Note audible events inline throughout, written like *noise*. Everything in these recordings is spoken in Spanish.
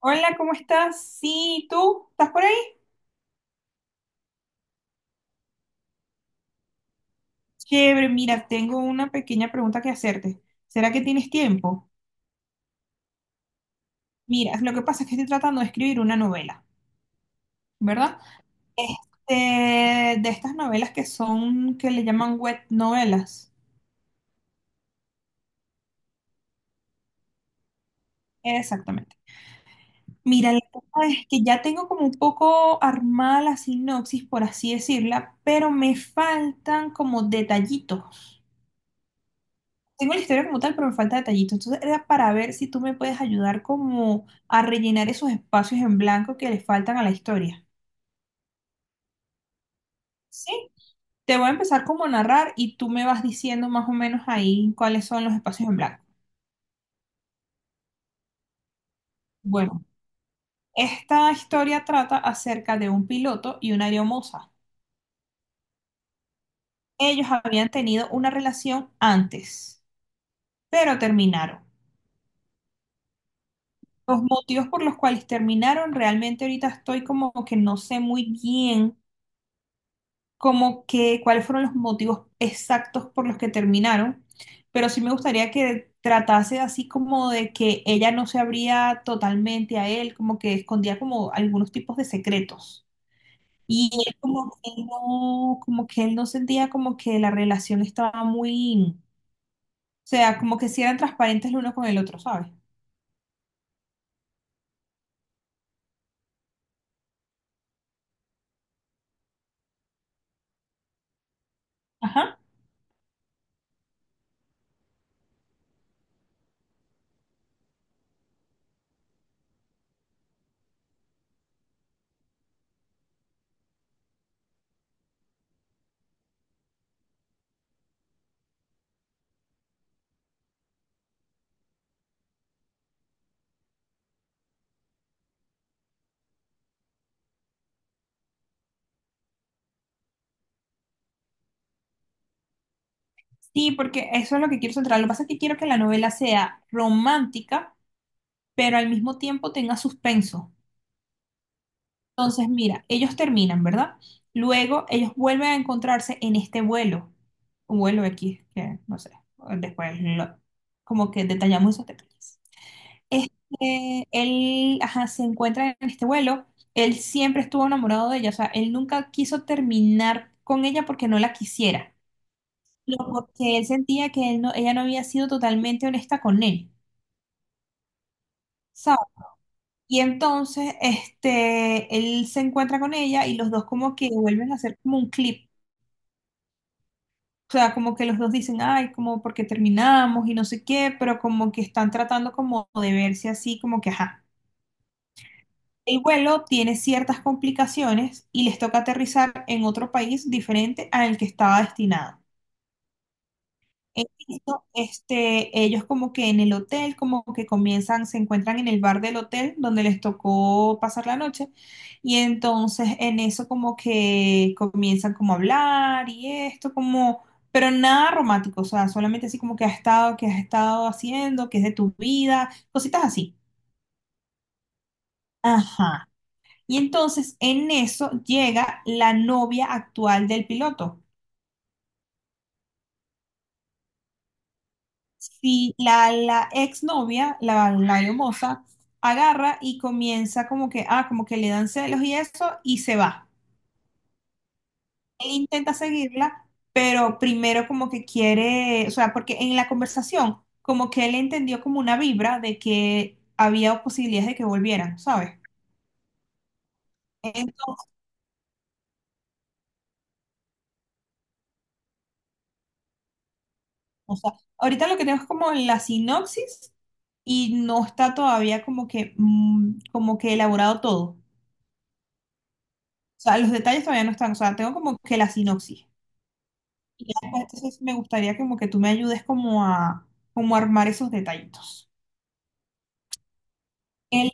Hola, ¿cómo estás? Sí, ¿tú? ¿Estás por ahí? Chévere, mira, tengo una pequeña pregunta que hacerte. ¿Será que tienes tiempo? Mira, lo que pasa es que estoy tratando de escribir una novela, ¿verdad? Este, de estas novelas que son, que le llaman web novelas. Exactamente. Mira, la cosa es que ya tengo como un poco armada la sinopsis, por así decirla, pero me faltan como detallitos. Tengo la historia como tal, pero me falta detallito. Entonces era para ver si tú me puedes ayudar como a rellenar esos espacios en blanco que le faltan a la historia. ¿Sí? Te voy a empezar como a narrar y tú me vas diciendo más o menos ahí cuáles son los espacios en blanco. Bueno, esta historia trata acerca de un piloto y una aeromoza. Ellos habían tenido una relación antes, pero terminaron. Los motivos por los cuales terminaron, realmente ahorita estoy como que no sé muy bien como que cuáles fueron los motivos exactos por los que terminaron, pero sí me gustaría que tratase así como de que ella no se abría totalmente a él, como que escondía como algunos tipos de secretos. Y él como que no, como que él no sentía como que la relación estaba muy, o sea, como que si eran transparentes el uno con el otro, ¿sabes? Ajá. Sí, porque eso es lo que quiero centrar. Lo que pasa es que quiero que la novela sea romántica, pero al mismo tiempo tenga suspenso. Entonces, mira, ellos terminan, ¿verdad? Luego ellos vuelven a encontrarse en este vuelo, un vuelo X, que no sé, después como que detallamos esos detalles. Él, ajá, se encuentra en este vuelo, él siempre estuvo enamorado de ella, o sea, él nunca quiso terminar con ella porque no la quisiera, sino porque él sentía que él no, ella no había sido totalmente honesta con él. ¿Sabes? Y entonces, él se encuentra con ella y los dos como que vuelven a hacer como un clip. O sea, como que los dos dicen, ay, como porque terminamos y no sé qué, pero como que están tratando como de verse así, como que, ajá. El vuelo tiene ciertas complicaciones y les toca aterrizar en otro país diferente al que estaba destinado. En esto, ellos como que en el hotel, como que comienzan, se encuentran en el bar del hotel donde les tocó pasar la noche y entonces en eso como que comienzan como a hablar y esto como, pero nada romántico, o sea, solamente así como que has estado haciendo, que es de tu vida, cositas así. Ajá. Y entonces en eso llega la novia actual del piloto. Si la exnovia, la hermosa, agarra y comienza como que, ah, como que le dan celos y eso, y se va. Él intenta seguirla, pero primero como que quiere, o sea, porque en la conversación, como que él entendió como una vibra de que había posibilidades de que volvieran, ¿sabes? Entonces, o sea, ahorita lo que tenemos es como la sinopsis y no está todavía como que, como que elaborado todo. O sea, los detalles todavía no están, o sea, tengo como que la sinopsis. Y acá, entonces me gustaría como que tú me ayudes como a armar esos detallitos. Él,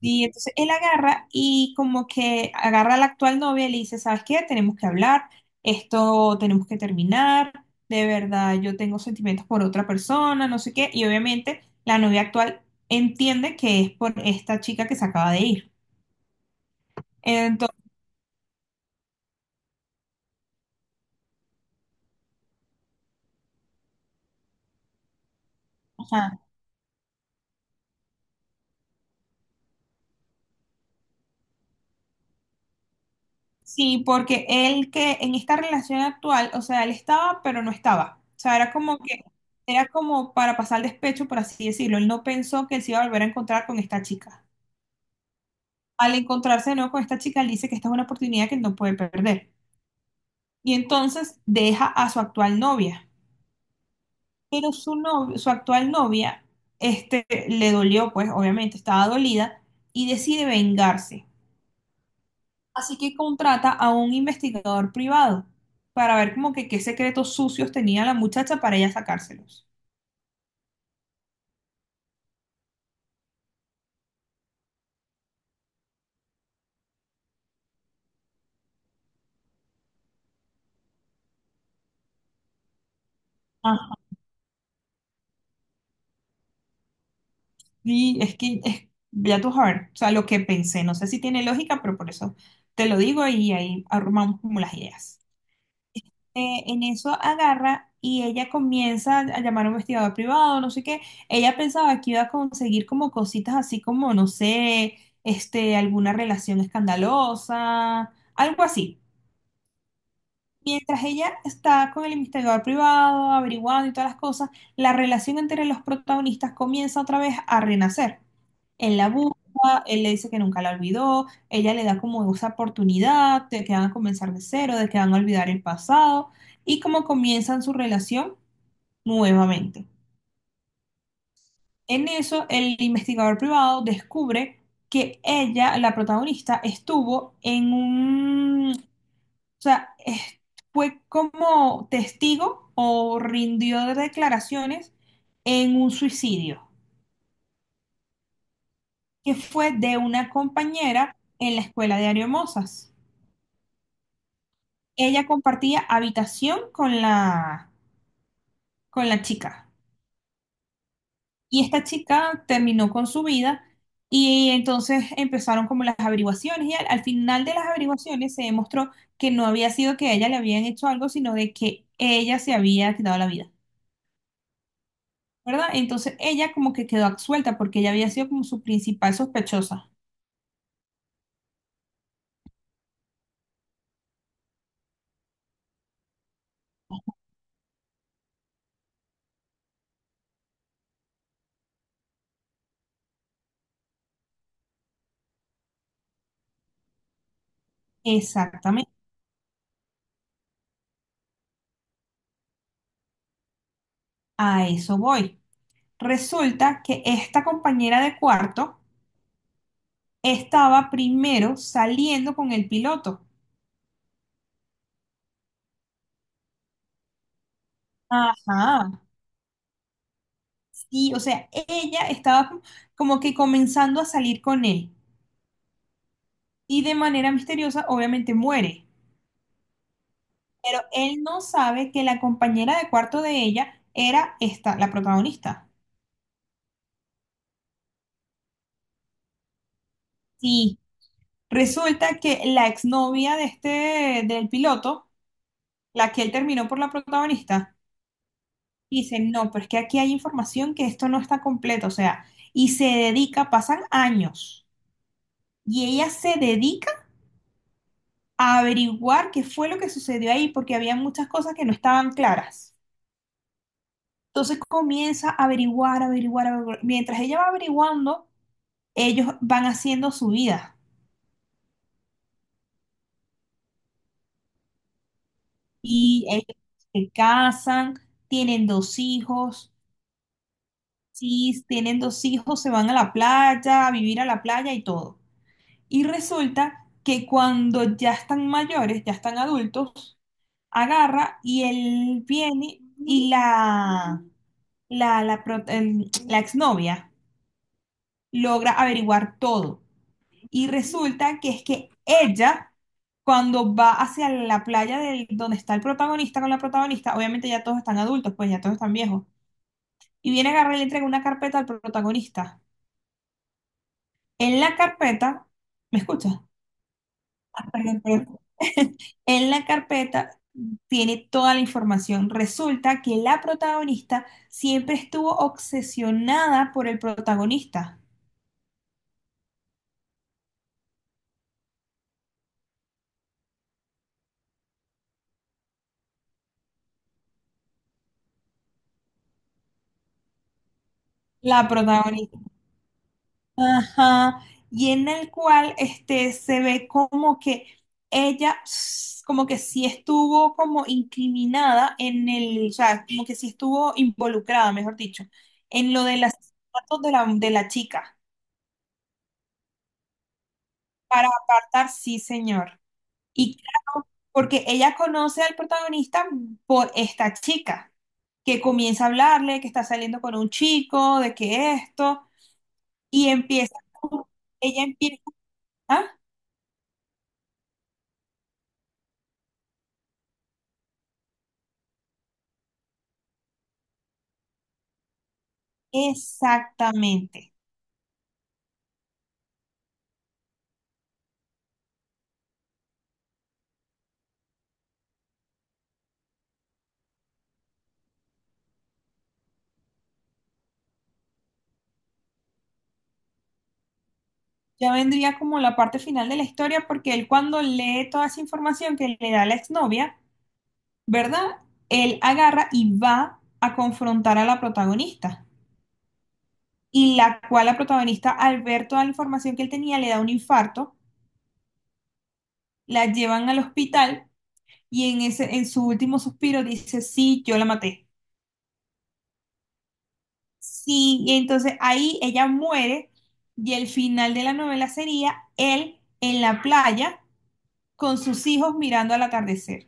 y entonces él agarra y como que agarra a la actual novia y le dice, ¿sabes qué? Tenemos que hablar, esto tenemos que terminar, de verdad yo tengo sentimientos por otra persona, no sé qué. Y obviamente la novia actual entiende que es por esta chica que se acaba de ir. Entonces, ajá. Sí, porque él que en esta relación actual, o sea, él estaba, pero no estaba. O sea, era como para pasar el despecho, por así decirlo. Él no pensó que él se iba a volver a encontrar con esta chica. Al encontrarse de nuevo con esta chica, él dice que esta es una oportunidad que él no puede perder. Y entonces deja a su actual novia. Pero su novia, su actual novia, le dolió, pues, obviamente, estaba dolida y decide vengarse. Así que contrata a un investigador privado para ver como que qué secretos sucios tenía la muchacha para ella sacárselos. Ajá. Y es que es ya tu heart, o sea, lo que pensé, no sé si tiene lógica, pero por eso te lo digo y ahí arrumamos como las ideas. En eso agarra y ella comienza a llamar a un investigador privado, no sé qué. Ella pensaba que iba a conseguir como cositas así como, no sé, alguna relación escandalosa, algo así. Mientras ella está con el investigador privado, averiguando y todas las cosas, la relación entre los protagonistas comienza otra vez a renacer. Él la busca, él le dice que nunca la olvidó, ella le da como esa oportunidad de que van a comenzar de cero, de que van a olvidar el pasado y como comienzan su relación nuevamente. En eso, el investigador privado descubre que ella, la protagonista, estuvo en un o sea, fue como testigo o rindió declaraciones en un suicidio, que fue de una compañera en la escuela de Ariomosas. Ella compartía habitación con la chica y esta chica terminó con su vida y entonces empezaron como las averiguaciones y al final de las averiguaciones se demostró que no había sido que a ella le habían hecho algo, sino de que ella se había quitado la vida. ¿Verdad? Entonces ella como que quedó absuelta porque ella había sido como su principal sospechosa. Exactamente, a eso voy. Resulta que esta compañera de cuarto estaba primero saliendo con el piloto. Ajá, sí, o sea, ella estaba como que comenzando a salir con él y de manera misteriosa obviamente muere, pero él no sabe que la compañera de cuarto de ella era esta, la protagonista. Sí, Resulta que la exnovia del piloto, la que él terminó por la protagonista, dice, no, pero es que aquí hay información que esto no está completo, o sea, y se dedica, pasan años, y ella se dedica a averiguar qué fue lo que sucedió ahí, porque había muchas cosas que no estaban claras. Entonces comienza a averiguar, averiguar, averiguar. Mientras ella va averiguando, ellos van haciendo su vida, y ellos se casan, tienen dos hijos. Si tienen dos hijos, se van a la playa, a vivir a la playa y todo. Y resulta que cuando ya están mayores, ya están adultos, agarra y él viene y la exnovia logra averiguar todo. Y resulta que es que ella, cuando va hacia la playa donde está el protagonista con la protagonista, obviamente ya todos están adultos, pues ya todos están viejos, y viene a agarrar y le entrega una carpeta al protagonista. En la carpeta, ¿me escuchas? Perdón, perdón. *laughs* En la carpeta tiene toda la información. Resulta que la protagonista siempre estuvo obsesionada por el protagonista. La protagonista. Ajá. Y en el cual se ve como que ella, como que sí estuvo como incriminada en el, o sea, como que sí estuvo involucrada, mejor dicho, en lo de los asesinatos de la chica. Para apartar, sí, señor. Y claro, porque ella conoce al protagonista por esta chica, que comienza a hablarle, que está saliendo con un chico, de que esto, y empieza, ella empieza, ah, exactamente. Ya vendría como la parte final de la historia, porque él cuando lee toda esa información que le da la exnovia, ¿verdad? Él agarra y va a confrontar a la protagonista. Y la cual la protagonista, al ver toda la información que él tenía, le da un infarto, la llevan al hospital y en su último suspiro dice, sí, yo la maté. Sí, y entonces ahí ella muere y el final de la novela sería él en la playa con sus hijos mirando al atardecer.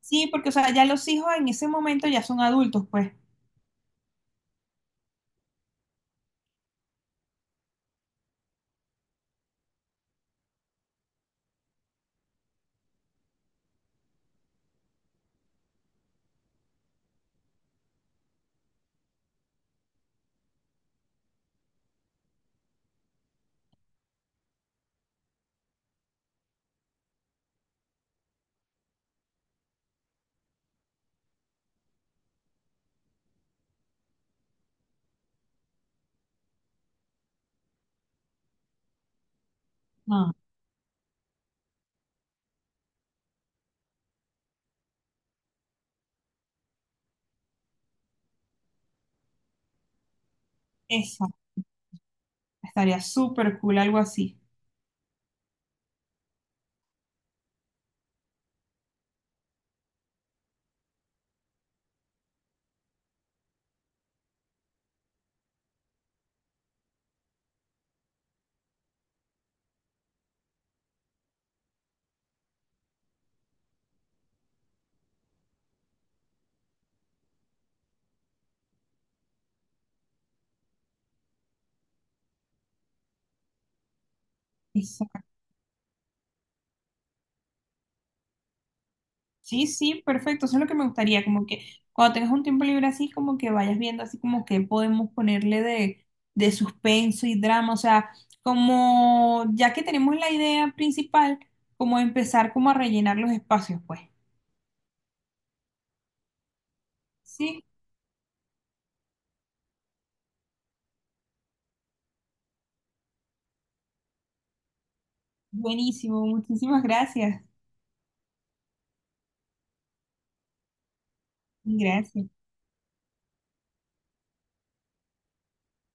Sí, porque o sea, ya los hijos en ese momento ya son adultos, pues. No. Esa, Estaría súper cool algo así. Sí, sí, perfecto. Eso es lo que me gustaría, como que cuando tengas un tiempo libre así, como que vayas viendo así como que podemos ponerle de, suspenso y drama. O sea, como ya que tenemos la idea principal, como empezar como a rellenar los espacios, pues. Sí, buenísimo. Muchísimas gracias. Gracias.